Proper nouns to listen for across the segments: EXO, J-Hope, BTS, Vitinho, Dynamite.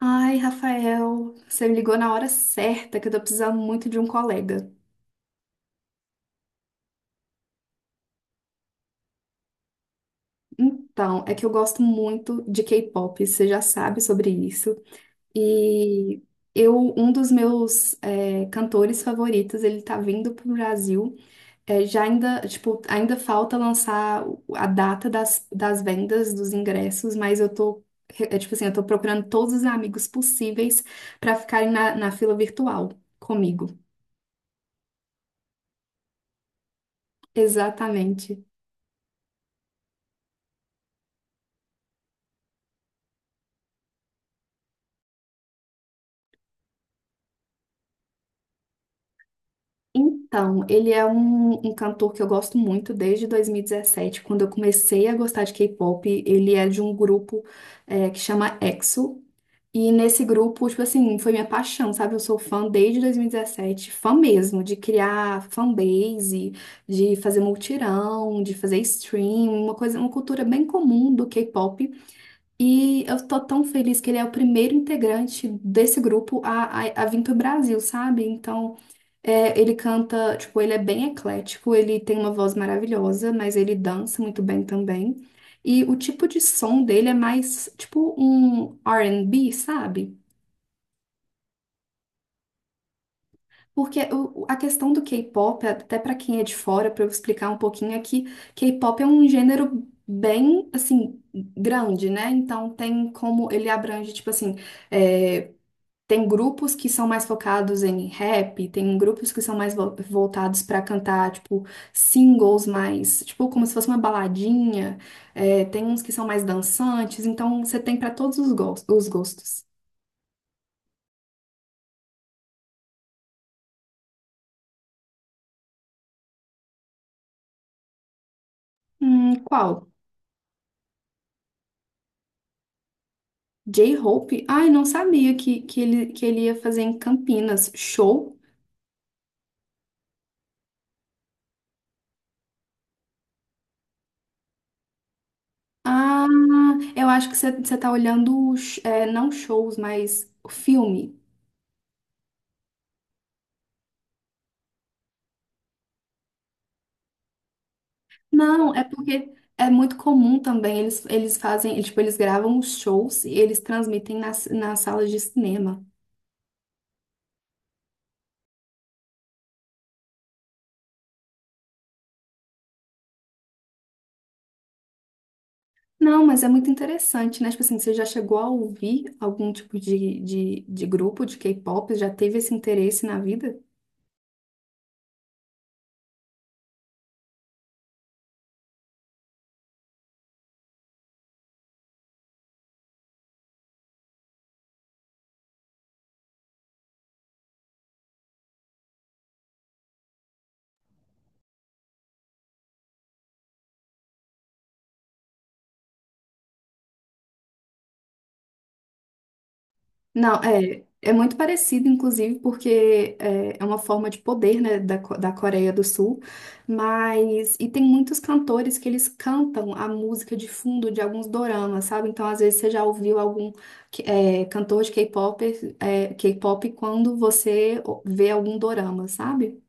Ai, Rafael, você me ligou na hora certa que eu tô precisando muito de um colega. Então, é que eu gosto muito de K-pop, você já sabe sobre isso. E eu, um dos meus cantores favoritos, ele tá vindo pro Brasil. É, já ainda, tipo, ainda falta lançar a data das vendas dos ingressos, mas tipo assim, eu tô procurando todos os amigos possíveis pra ficarem na fila virtual comigo. Exatamente. Então, ele é um cantor que eu gosto muito desde 2017, quando eu comecei a gostar de K-pop. Ele é de um grupo que chama EXO. E nesse grupo, tipo assim, foi minha paixão, sabe? Eu sou fã desde 2017, fã mesmo, de criar fanbase, de fazer multirão, de fazer stream, uma coisa, uma cultura bem comum do K-pop. E eu tô tão feliz que ele é o primeiro integrante desse grupo a vir pro Brasil, sabe? Então. É, ele canta, tipo, ele é bem eclético, ele tem uma voz maravilhosa, mas ele dança muito bem também. E o tipo de som dele é mais, tipo, um R&B, sabe? Porque a questão do K-pop, até pra quem é de fora, pra eu explicar um pouquinho, é que K-pop é um gênero bem, assim, grande, né? Então tem como ele abrange, tipo assim, é, Tem grupos que são mais focados em rap, tem grupos que são mais voltados pra cantar, tipo, singles mais, tipo, como se fosse uma baladinha. É, tem uns que são mais dançantes, então você tem pra todos os os gostos. Qual? J-Hope? Ai, não sabia que ele ia fazer em Campinas. Show? Ah, eu acho que você tá olhando, não shows, mas filme. Não, é porque é muito comum também. Eles fazem, tipo, eles gravam os shows e eles transmitem nas salas de cinema. Não, mas é muito interessante, né? Tipo assim, você já chegou a ouvir algum tipo de grupo de K-pop? Já teve esse interesse na vida? Não, é muito parecido, inclusive, porque é uma forma de poder, né, da Coreia do Sul, e tem muitos cantores que eles cantam a música de fundo de alguns doramas, sabe? Então, às vezes, você já ouviu algum cantor de K-pop, K-pop quando você vê algum dorama, sabe?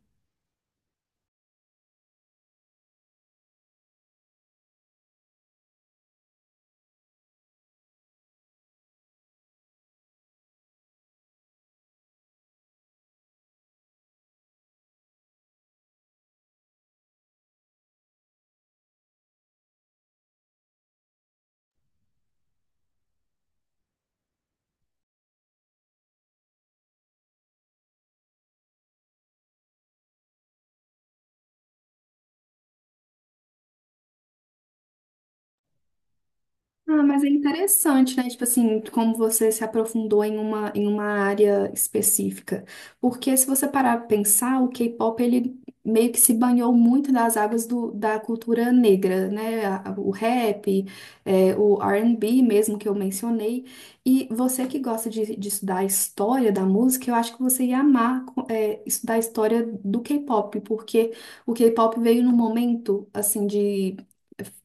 Ah, mas é interessante, né? Tipo assim, como você se aprofundou em uma área específica. Porque se você parar pra pensar, o K-pop, ele meio que se banhou muito das águas da cultura negra, né? O rap, o R&B mesmo que eu mencionei. E você que gosta de estudar a história da música, eu acho que você ia amar, estudar a história do K-pop, porque o K-pop veio num momento, assim, de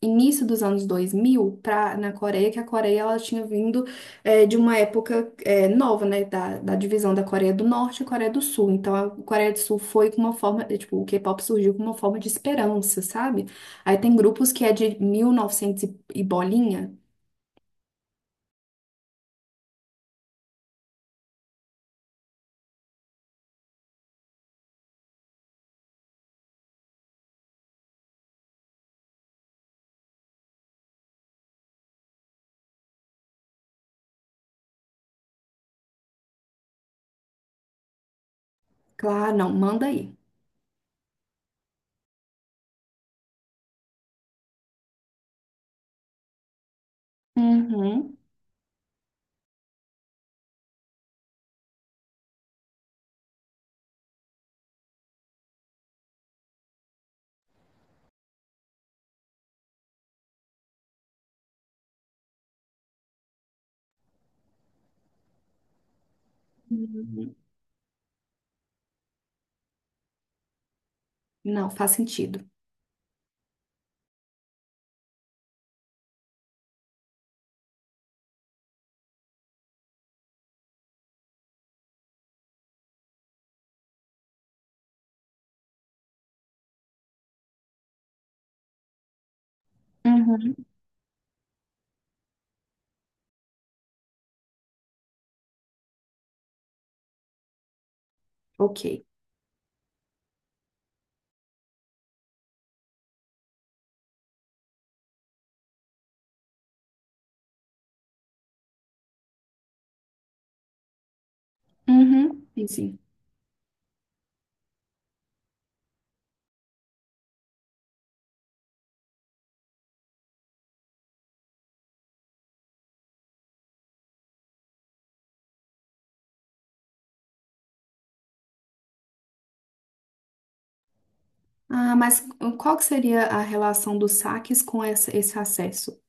início dos anos 2000 pra, na Coreia, que a Coreia ela tinha vindo de uma época nova, né, da divisão da Coreia do Norte e Coreia do Sul. Então, a Coreia do Sul foi com uma forma, tipo, o K-pop surgiu com uma forma de esperança, sabe? Aí tem grupos que é de 1900 e novecentos e bolinha. Claro, não, manda aí. Uhum. Uhum. Não, faz sentido. Uhum. Ok. Uhum. Sim, sim. Ah, mas qual que seria a relação dos saques com esse acesso?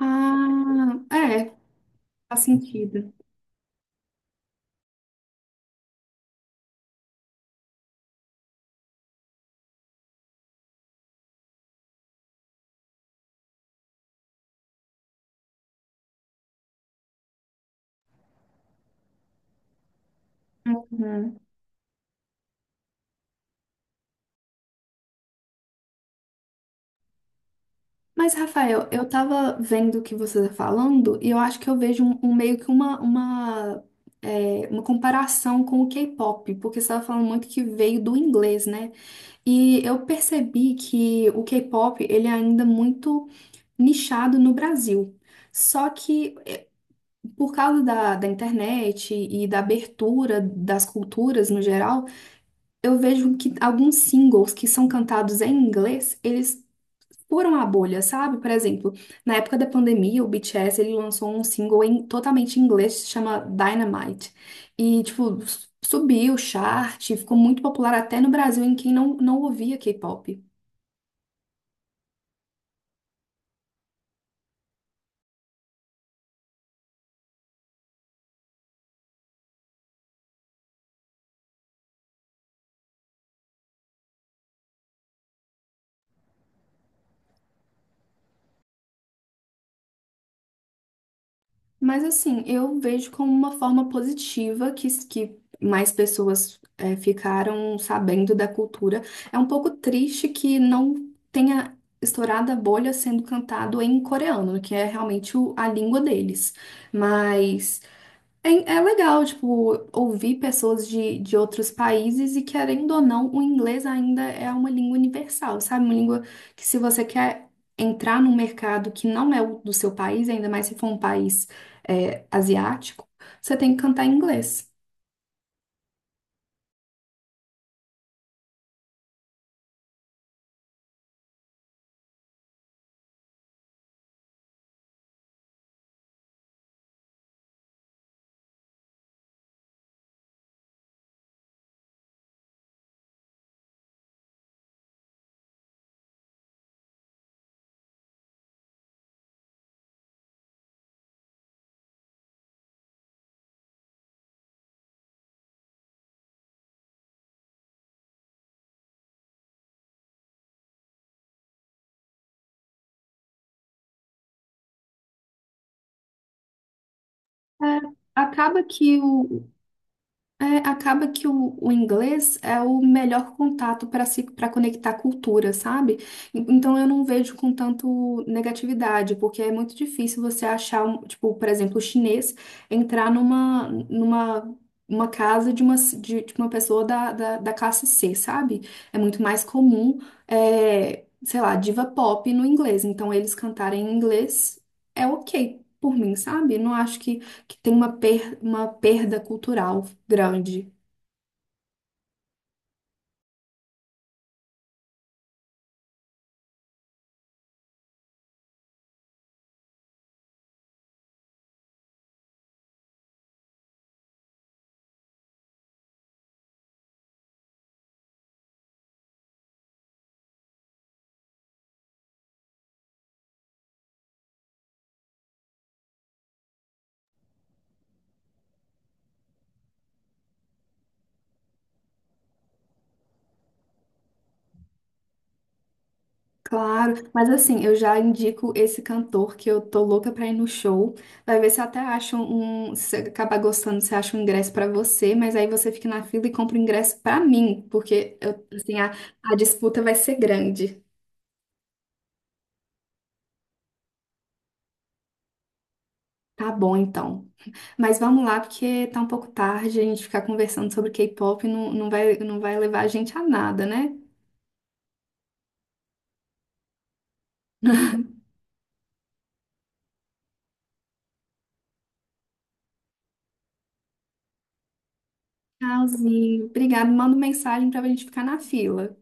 Ah, é, faz sentido. Uhum. Mas, Rafael, eu tava vendo o que você tá falando e eu acho que eu vejo um meio que uma comparação com o K-pop, porque você tava falando muito que veio do inglês, né? E eu percebi que o K-pop, ele é ainda muito nichado no Brasil. Só que por causa da internet e da abertura das culturas no geral, eu vejo que alguns singles que são cantados em inglês, eles furam a bolha, sabe? Por exemplo, na época da pandemia, o BTS ele lançou um single totalmente em inglês, se chama Dynamite. E, tipo, subiu o chart, ficou muito popular até no Brasil, em quem não ouvia K-pop. Mas assim, eu vejo como uma forma positiva que, mais pessoas ficaram sabendo da cultura. É um pouco triste que não tenha estourado a bolha sendo cantado em coreano, que é realmente a língua deles. Mas é, é legal, tipo, ouvir pessoas de outros países e, querendo ou não, o inglês ainda é uma língua universal, sabe? Uma língua que, se você quer entrar num mercado que não é o do seu país, ainda mais se for um país, asiático, você tem que cantar em inglês. É, acaba que o, É, acaba que o inglês é o melhor contato para se para conectar cultura, sabe? Então eu não vejo com tanto negatividade, porque é muito difícil você achar, um, tipo, por exemplo, o chinês entrar numa, numa uma casa de uma pessoa da classe C, sabe? É muito mais comum, sei lá, diva pop no inglês. Então eles cantarem em inglês é ok por mim, sabe? Não acho que tem uma perda cultural grande. Claro, mas assim, eu já indico esse cantor que eu tô louca pra ir no show. Vai ver se até acha um. Se acabar gostando, você acha um ingresso pra você, mas aí você fica na fila e compra o ingresso pra mim, porque eu, assim, a disputa vai ser grande. Tá bom, então. Mas vamos lá, porque tá um pouco tarde, a gente ficar conversando sobre K-pop não vai levar a gente a nada, né? Tchauzinho. Obrigada. Manda mensagem pra gente ficar na fila.